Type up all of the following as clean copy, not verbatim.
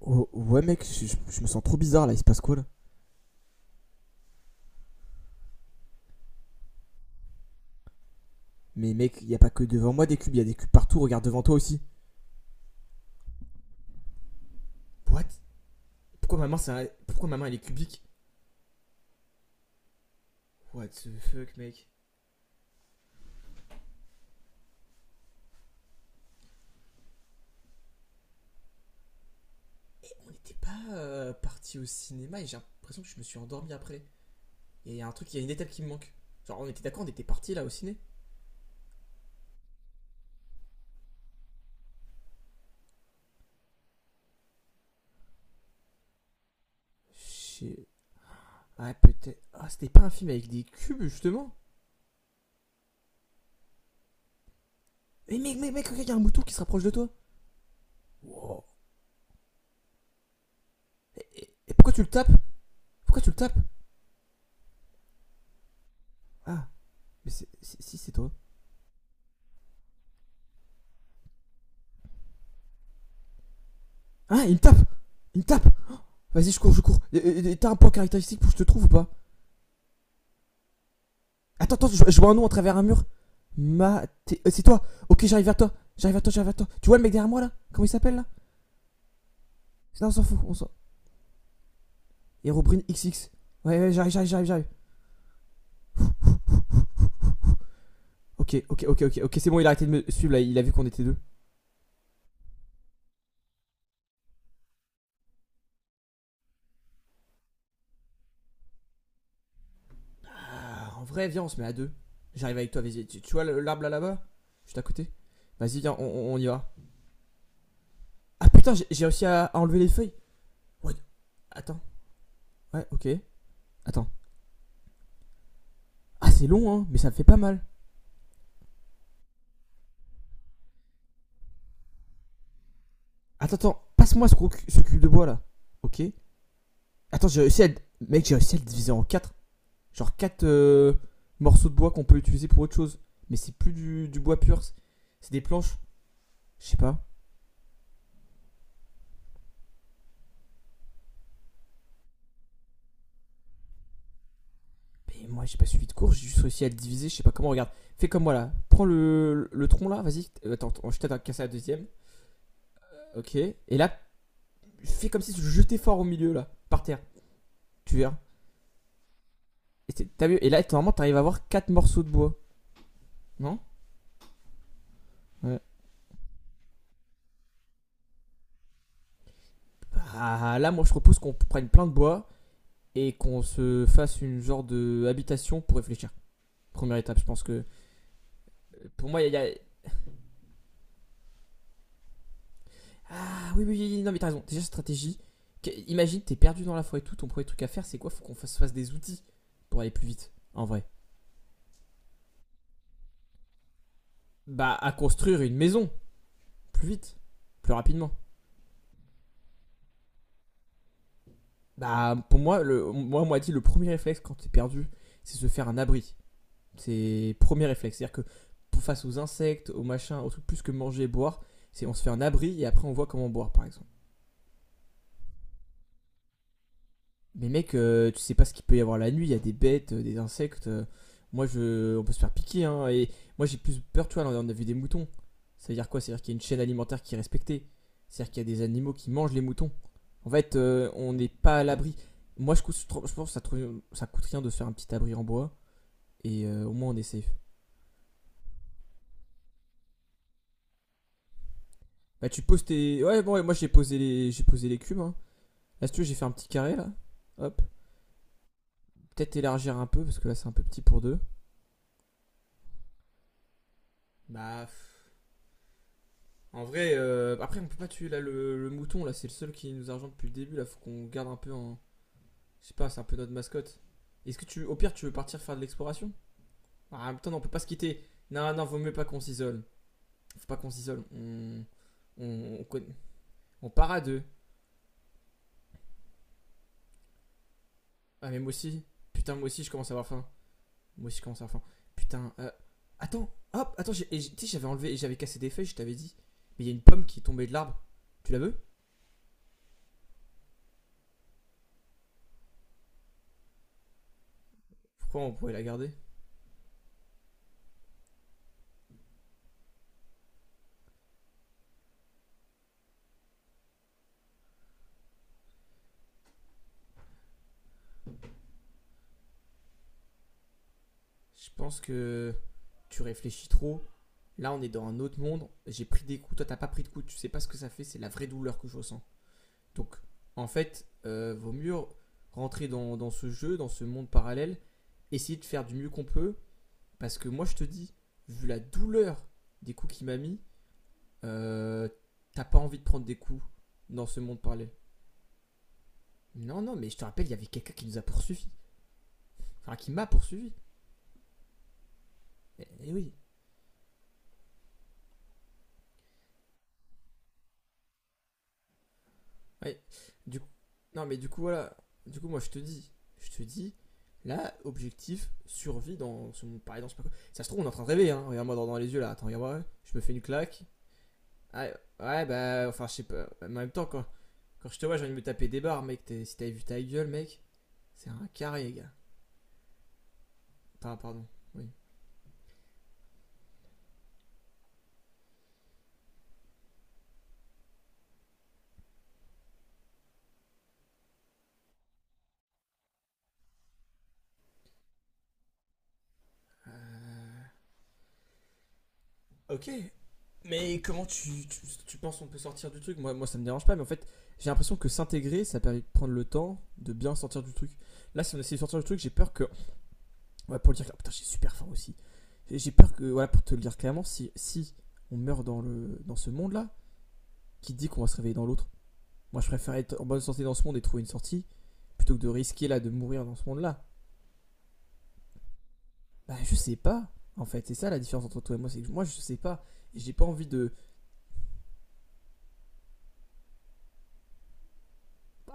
Oh, ouais, mec, me sens trop bizarre là, il se passe quoi là? Mais mec, y a pas que devant moi des cubes, y a des cubes partout, regarde devant toi aussi. What? Pourquoi maman, c'est? Pourquoi maman elle est cubique? What the fuck, mec. On n'était pas parti au cinéma et j'ai l'impression que je me suis endormi après. Il y a un truc, il y a une étape qui me manque. Genre, on était d'accord, on était parti là au ciné? J'sais... Ah, peut-être. Ah, c'était pas un film avec des cubes justement? Mais mec, mec, mec, regarde, il y a un mouton qui se rapproche de toi. Wow. Et pourquoi tu le tapes? Pourquoi tu le tapes? Ah, mais si si, c'est toi. Hein, il me tape? Il me tape. Oh, vas-y, je cours, je cours. T'as un point caractéristique pour que je te trouve ou pas? Attends, attends, je vois un nom à travers un mur. Maté... c'est toi? Ok, j'arrive vers toi. J'arrive vers toi, j'arrive vers toi. Tu vois le mec derrière moi là? Comment il s'appelle là? Non, on s'en fout, on s'en... Herobrine XX. Ouais, ouais, j'arrive, j'arrive, j'arrive, j'arrive. Ok, ok, ok, ok, ok, c'est bon, il a arrêté de me suivre là, il a vu qu'on était deux. Ah, en vrai, viens, on se met à deux. J'arrive avec toi, vas-y. Tu vois l'arbre là, là-bas? Juste à côté? Vas-y, viens, y va. Ah putain, j'ai réussi à enlever les feuilles. What? Attends, ouais, ok. Attends. Ah, c'est long, hein, mais ça me fait pas mal. Attends, attends, passe-moi ce cube de bois là. Ok. Attends, j'ai réussi à. Mec, j'ai réussi à le diviser en 4, genre 4 morceaux de bois qu'on peut utiliser pour autre chose. Mais c'est plus du bois pur. Des planches. Je sais pas. Mais moi, j'ai pas suivi de cours, j'ai juste réussi à le diviser. Je sais pas comment, regarde. Fais comme moi là. Prends le tronc là, vas-y. Attends, attends, je t'aide à casser la deuxième. Ok. Et là, fais comme si tu jetais fort au milieu là, par terre. Tu verras. Et, vu. Et là, normalement, t'arrives à avoir 4 morceaux de bois. Non. Ouais. Bah, là, moi, je propose qu'on prenne plein de bois et qu'on se fasse une genre de habitation pour réfléchir. Première étape, je pense que. Pour moi, il y a. Ah oui, oui, oui, non, mais t'as raison. Déjà, stratégie. Imagine, t'es perdu dans la forêt et tout. Ton premier truc à faire, c'est quoi? Faut qu'on fasse des outils pour aller plus vite, en vrai. Bah, à construire une maison, plus vite, plus rapidement. Bah, pour moi, moi, on m'a dit, le premier réflexe quand t'es perdu, c'est se faire un abri. C'est premier réflexe. C'est-à-dire que face aux insectes, aux machins, aux trucs plus que manger et boire, c'est on se fait un abri et après on voit comment boire, par exemple. Mais mec, tu sais pas ce qu'il peut y avoir la nuit. Il y a des bêtes, des insectes. Moi, je, on peut se faire piquer. Hein, et moi, j'ai plus peur, tu vois. Là, on a vu des moutons. Ça veut dire quoi? C'est-à-dire qu'il y a une chaîne alimentaire qui est respectée. C'est-à-dire qu'il y a des animaux qui mangent les moutons. En fait, on n'est pas à l'abri. Moi, je pense que ça coûte rien de se faire un petit abri en bois. Et au moins, on est safe. Bah tu poses tes. Ouais bon ouais, moi j'ai posé les. J'ai posé les cubes, hein. Là si tu veux j'ai fait un petit carré là. Hop. Peut-être élargir un peu parce que là c'est un peu petit pour deux. Bah en vrai après on peut pas tuer là le mouton là, c'est le seul qui nous argent depuis le début là, faut qu'on garde un peu en. Je sais pas, c'est un peu notre mascotte. Est-ce que tu au pire tu veux partir faire de l'exploration? En même temps non, on peut pas se quitter. Non non vaut mieux pas qu'on s'isole. Faut pas qu'on s'isole. On... On, conna- on part à deux. Ah mais moi aussi. Putain moi aussi je commence à avoir faim. Moi aussi, je commence à la fin. Putain, attends, hop, attends, tu sais, j'avais enlevé, j'avais cassé des feuilles, je t'avais dit. Mais il y a une pomme qui est tombée de l'arbre. Tu la veux? Pourquoi on pourrait la garder? Je pense que tu réfléchis trop. Là, on est dans un autre monde. J'ai pris des coups, toi, t'as pas pris de coups, tu sais pas ce que ça fait, c'est la vraie douleur que je ressens. Donc, en fait, vaut mieux rentrer dans ce jeu, dans ce monde parallèle, essayer de faire du mieux qu'on peut. Parce que moi, je te dis, vu la douleur des coups qu'il m'a mis, euh, t'as pas envie de prendre des coups dans ce monde parallèle. Non, non, mais je te rappelle, il y avait quelqu'un qui nous a poursuivi. Enfin, qui m'a poursuivi. Et oui. Ouais. Du coup, non, mais du coup, voilà. Du coup, moi, je te dis, là, objectif, survie dans ce monde parallèle, dans ce parcours. Ça se trouve, on est en train de rêver, hein. Regarde-moi dans les yeux, là. Attends, regarde-moi. Ouais. Je me fais une claque. Ah, ouais, bah, enfin, je sais pas. En même temps, quoi. Quand je te vois, j'ai envie de me taper des barres, mec. Si t'avais vu ta gueule, mec, c'est un carré, gars. Enfin, pardon. Oui. Euh, ok. Mais comment tu penses qu'on peut sortir du truc? Moi, ça me dérange pas, mais en fait, j'ai l'impression que s'intégrer, ça permet de prendre le temps de bien sortir du truc. Là, si on essaie de sortir du truc, j'ai peur que. Ouais, pour le dire, oh, putain, j'ai super faim aussi. Et j'ai peur que, voilà, pour te le dire clairement, si on meurt dans ce monde-là, qui dit qu'on va se réveiller dans l'autre? Moi, je préfère être en bonne santé dans ce monde et trouver une sortie, plutôt que de risquer là de mourir dans ce monde-là. Bah, je sais pas, en fait. C'est ça la différence entre toi et moi, c'est que moi, je sais pas. Et j'ai pas envie de.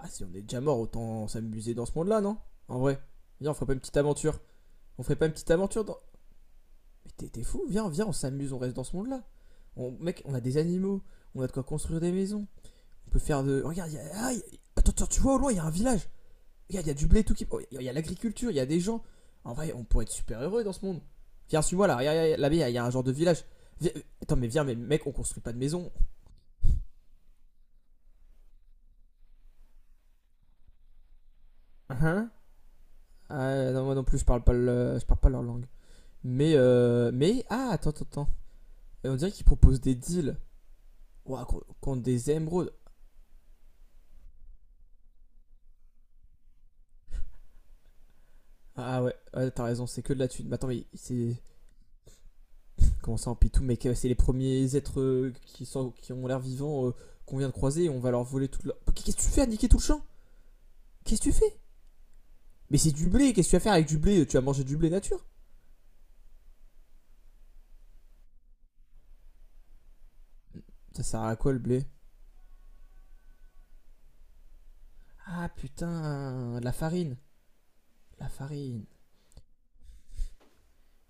Ah, si on est déjà mort, autant s'amuser dans ce monde-là, non? En vrai. Viens, on ferait pas une petite aventure. On ferait pas une petite aventure dans. Mais t'es- fou, viens, viens, on s'amuse, on reste dans ce monde-là. On... Mec, on a des animaux, on a de quoi construire des maisons. On peut faire de. Regarde, il y a. Attends, attends, tu vois au loin, il y a un village. Regarde, il y a du blé, tout qui. Oh, L'agriculture, il y a des gens. En vrai, on pourrait être super heureux dans ce monde. Viens, suis-moi là, regarde, là-bas, il y a un genre de village. Attends, mais viens, mais mec, on construit pas de maison. Hein hein. Ah, non, moi non plus, je parle pas, je parle pas leur langue. Mais, ah, attends, attends, attends. Et on dirait qu'ils proposent des deals? Ouah, contre des émeraudes. Ah ouais, ouais, t'as raison, c'est que de la thune. Mais attends, mais c'est. Comment ça, en pitou? Mais c'est les premiers êtres qui ont l'air vivants, qu'on vient de croiser et on va leur voler toute leur. Qu'est-ce que tu fais à niquer tout le champ? Qu'est-ce que tu fais? Mais c'est du blé, qu'est-ce que tu vas faire avec du blé? Tu vas manger du blé nature? Ça sert à quoi le blé? Ah putain, de la farine. La farine.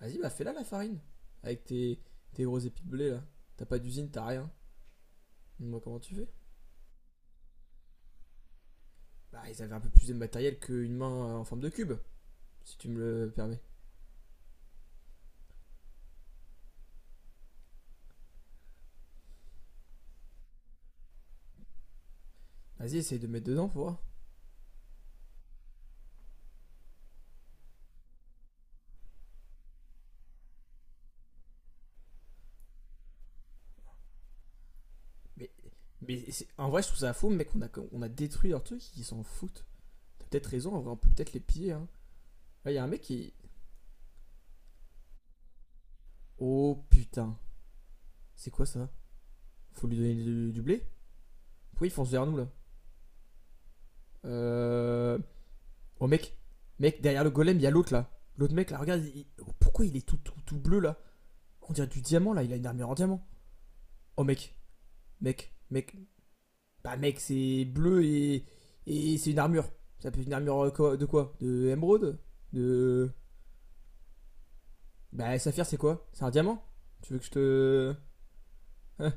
Vas-y, bah fais-la la farine. Avec tes gros épis de blé là. T'as pas d'usine, t'as rien. Moi, comment tu fais? Bah, ils avaient un peu plus de matériel qu'une main en forme de cube, si tu me le permets. Vas-y, essaye de mettre dedans, faut voir. Mais, mais en vrai, je trouve ça fou, mec, on a détruit leur truc, ils s'en foutent. T'as peut-être raison, en vrai, on peut peut-être les piller. Hein. Là, il y a un mec qui. Oh putain, c'est quoi ça? Faut lui donner du blé? Pourquoi il fonce vers nous là? Euh. Oh mec, mec, derrière le golem, il y a l'autre là. L'autre mec là, regarde, oh, pourquoi il est tout, tout, tout bleu là? On dirait du diamant là, il a une armure en diamant. Oh mec, mec, mec. Bah mec, c'est bleu et c'est une armure. Ça peut être une armure de quoi? De émeraude? De... Bah saphir c'est quoi? C'est un diamant? Tu veux que je te... hein?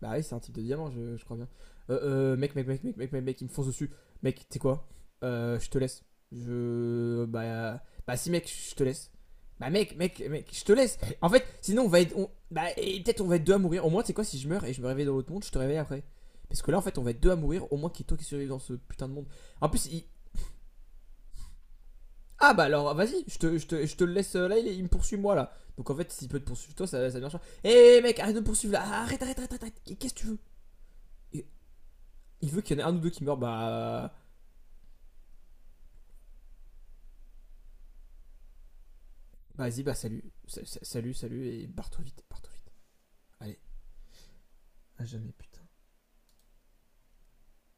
Bah oui, c'est un type de diamant, je crois bien. Mec, mec, mec, mec, mec, mec, mec, il me fonce dessus. Mec, tu sais quoi? Je te laisse. Je. Bah. Bah si, mec, je te laisse. Bah mec, mec, mec, je te laisse. En fait, sinon on va être. Bah, et peut-être on va être deux à mourir. Au moins, tu sais quoi, si je meurs et je me réveille dans l'autre monde, je te réveille après. Parce que là, en fait, on va être deux à mourir. Au moins, qu'il y ait toi qui survives dans ce putain de monde. En plus, il. Ah bah alors, vas-y, je te le laisse, là, il me poursuit moi là. Donc en fait, s'il peut te poursuivre toi, ça marche. Eh hey mec, arrête de me poursuivre là. Arrête, arrête, arrête, arrête. Qu'est-ce que tu veux? Il veut qu'il y en ait un ou deux qui meurent, bah, bah vas-y, bah salut, salut, salut, et barre-toi vite, barre-toi vite. Allez, à jamais, putain.